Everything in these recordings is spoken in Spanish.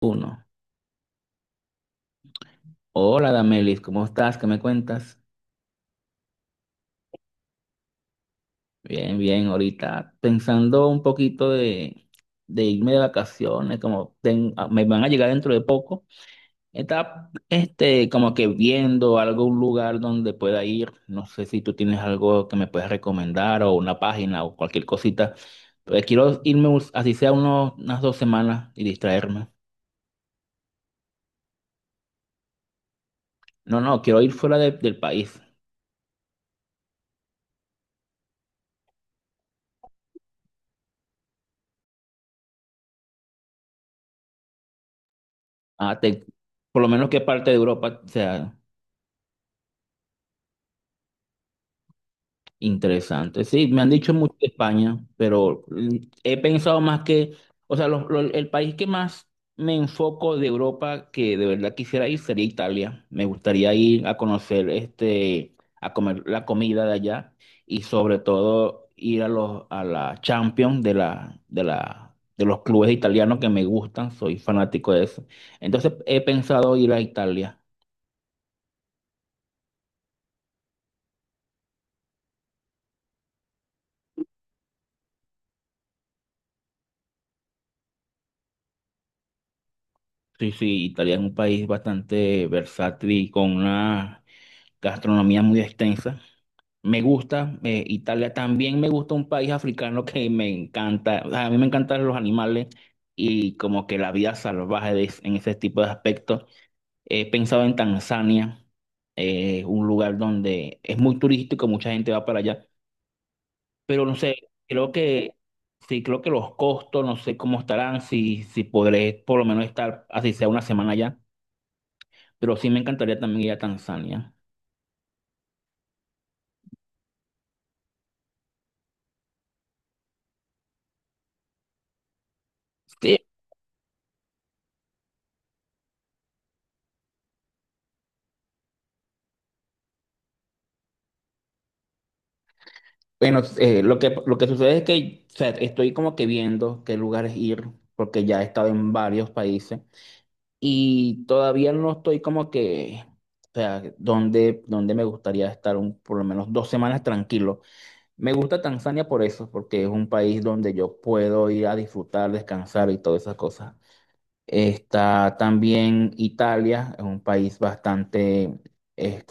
Uno. Hola, Damelis, ¿cómo estás? ¿Qué me cuentas? Bien, bien, ahorita pensando un poquito de irme de vacaciones, como me van a llegar dentro de poco. Estaba este, como que viendo algún lugar donde pueda ir. No sé si tú tienes algo que me puedas recomendar o una página o cualquier cosita. Pues quiero irme, así sea unas 2 semanas y distraerme. No, no, quiero ir fuera del país. Ah, te- por lo menos qué parte de Europa, o sea. Interesante. Sí, me han dicho mucho de España, pero he pensado más o sea, el país que más me enfoco de Europa que de verdad quisiera ir sería Italia. Me gustaría ir a conocer, este, a comer la comida de allá y sobre todo ir a los a la Champions de los clubes italianos que me gustan. Soy fanático de eso. Entonces he pensado ir a Italia. Sí, sí, Italia es un país bastante versátil y con una gastronomía muy extensa. Me gusta, Italia también me gusta un país africano que me encanta. O sea, a mí me encantan los animales y como que la vida salvaje en ese tipo de aspectos. He pensado en Tanzania, un lugar donde es muy turístico, mucha gente va para allá, pero no sé, creo que sí, creo que los costos, no sé cómo estarán, si podré por lo menos estar así sea una semana allá, pero sí me encantaría también ir a Tanzania. Sí, bueno, lo que sucede es que o sea, estoy como que viendo qué lugares ir, porque ya he estado en varios países y todavía no estoy como que, o sea, donde me gustaría estar un, por lo menos 2 semanas tranquilo. Me gusta Tanzania por eso, porque es un país donde yo puedo ir a disfrutar, descansar y todas esas cosas. Está también Italia, es un país bastante... eh,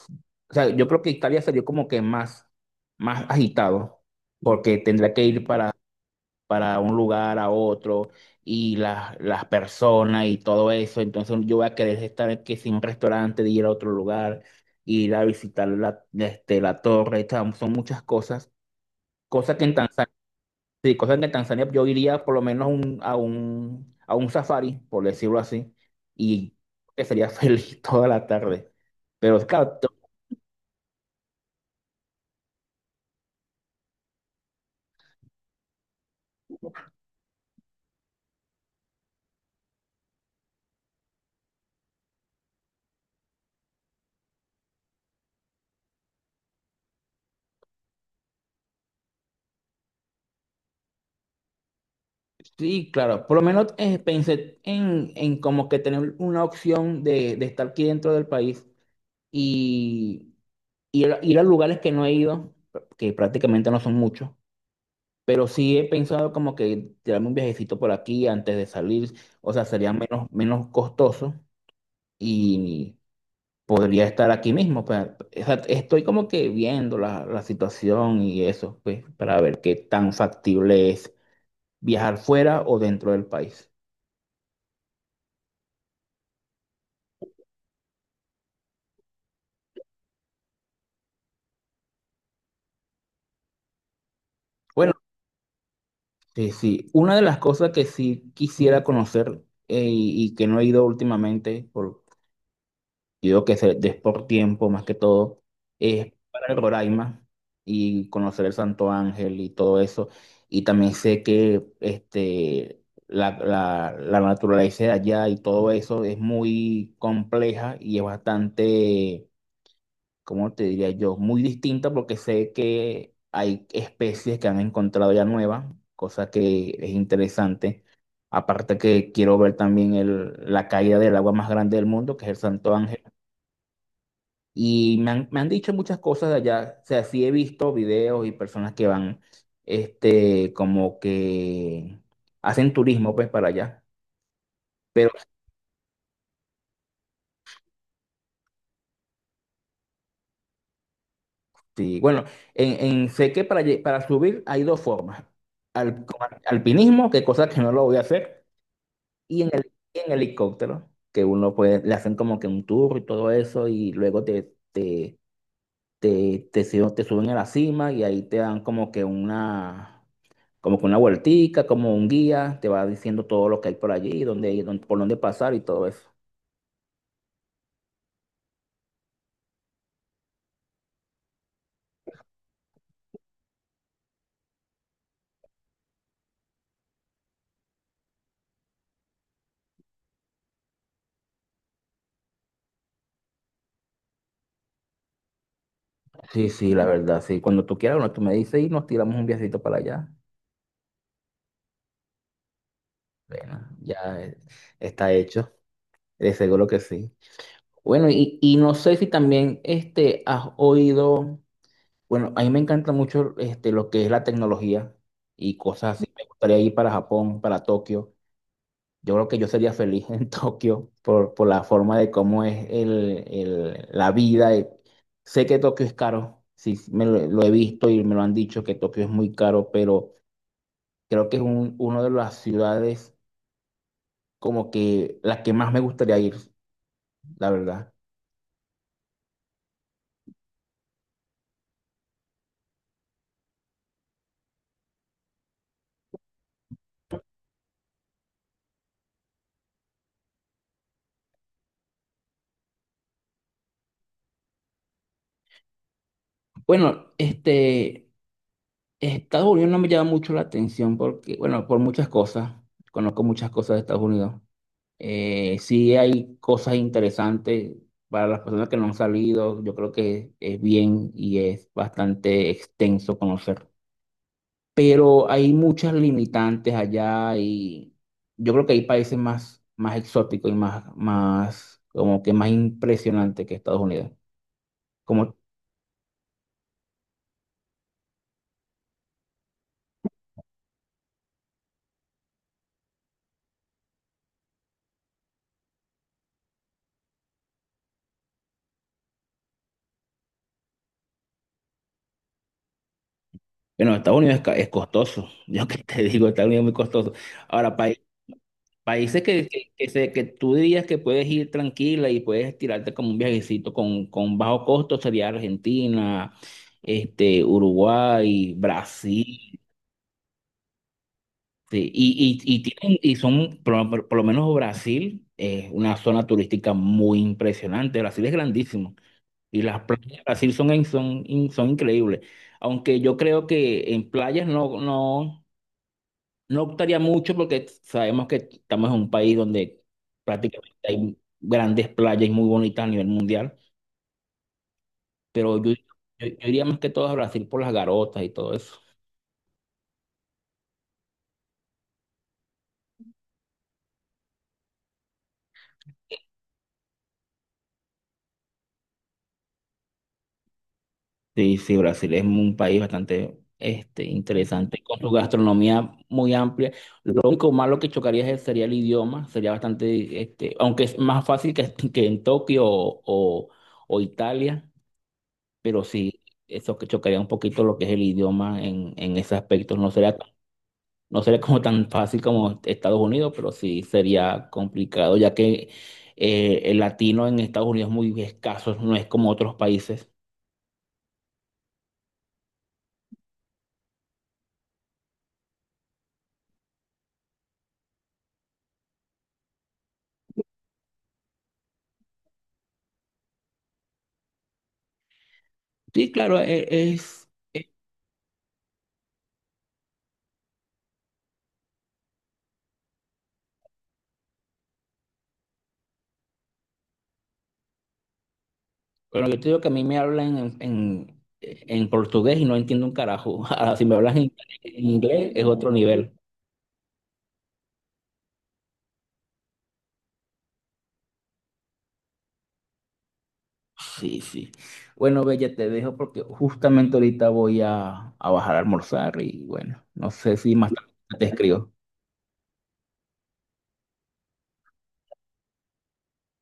o sea, yo creo que Italia sería como que más, más agitado, porque tendría que ir para un lugar a otro y las personas y todo eso. Entonces yo voy a querer estar que sin un restaurante, de ir a otro lugar, ir a visitar la, este, la torre. O sea, son muchas cosas, cosas que en Tanzania. Sí, cosas que en Tanzania yo iría por lo menos a un safari, por decirlo así, y que sería feliz toda la tarde. Pero claro, sí, claro, por lo menos pensé en como que tener una opción de estar aquí dentro del país y ir a lugares que no he ido, que prácticamente no son muchos, pero sí he pensado como que tirarme un viajecito por aquí antes de salir, o sea, sería menos, menos costoso y podría estar aquí mismo. Pues, o sea, estoy como que viendo la situación y eso, pues, para ver qué tan factible es viajar fuera o dentro del país. Bueno, sí, sí. Una de las cosas que sí quisiera conocer y que no he ido últimamente por yo digo que se des por tiempo, más que todo, es para el Roraima y conocer el Santo Ángel y todo eso. Y también sé que este, la naturaleza de allá y todo eso es muy compleja y es bastante, ¿cómo te diría yo? Muy distinta porque sé que hay especies que han encontrado ya nuevas, cosa que es interesante. Aparte que quiero ver también la caída del agua más grande del mundo, que es el Santo Ángel y me han dicho muchas cosas de allá. O sea, sí he visto videos y personas que van, este, como que hacen turismo, pues, para allá. Pero sí, bueno, en, sé que para subir hay 2 formas. Alpinismo, que cosa que no lo voy a hacer, y en helicóptero, que uno puede, le hacen como que un tour y todo eso, y luego te suben a la cima y ahí te dan como que una... como con una vueltica, como un guía, te va diciendo todo lo que hay por allí, por dónde pasar y todo eso. Sí, sí, la verdad, sí. Cuando tú quieras, bueno, tú me dices y nos tiramos un viajecito para allá. Bueno, ya está hecho, de seguro que sí. Bueno, y no sé si también este, has oído, bueno, a mí me encanta mucho este, lo que es la tecnología y cosas así. Me gustaría ir para Japón, para Tokio. Yo creo que yo sería feliz en Tokio por la forma de cómo es la vida. Sé que Tokio es caro, sí, sí, lo he visto y me lo han dicho que Tokio es muy caro, pero creo que es un, una de las ciudades como que la que más me gustaría ir, la verdad. Bueno, este, Estados Unidos no me llama mucho la atención porque, bueno, por muchas cosas, conozco muchas cosas de Estados Unidos. Sí hay cosas interesantes para las personas que no han salido, yo creo que es bien y es bastante extenso conocer. Pero hay muchas limitantes allá y yo creo que hay países más, más exóticos y más, más, como que más impresionantes que Estados Unidos. Como, bueno, Estados Unidos es costoso, yo que te digo, Estados Unidos es muy costoso. Ahora, países que tú dirías que puedes ir tranquila y puedes tirarte como un viajecito con bajo costo sería Argentina, este, Uruguay, Brasil. Sí. Y son, por lo menos Brasil, es una zona turística muy impresionante. Brasil es grandísimo y las playas de Brasil son, son, son increíbles. Aunque yo creo que en playas no, no. No optaría mucho porque sabemos que estamos en un país donde prácticamente hay grandes playas y muy bonitas a nivel mundial, pero yo iría más que todo a Brasil por las garotas y todo eso. Sí, sí, Brasil es un país bastante este, interesante, con su gastronomía muy amplia. Lo único malo sería el idioma, sería bastante, este, aunque es más fácil que en Tokio o Italia, pero sí, eso que chocaría un poquito lo que es el idioma en ese aspecto, no sería. No sería como tan fácil como Estados Unidos, pero sí sería complicado, ya que el latino en Estados Unidos es muy escaso, no es como otros países. Sí, claro, es, es- bueno, yo te digo que a mí me hablan en portugués y no entiendo un carajo. Ahora, si me hablan en inglés es otro nivel. Sí, sí. Bueno, Bella, te dejo porque justamente ahorita voy a bajar a almorzar y bueno, no sé si más tarde te escribo.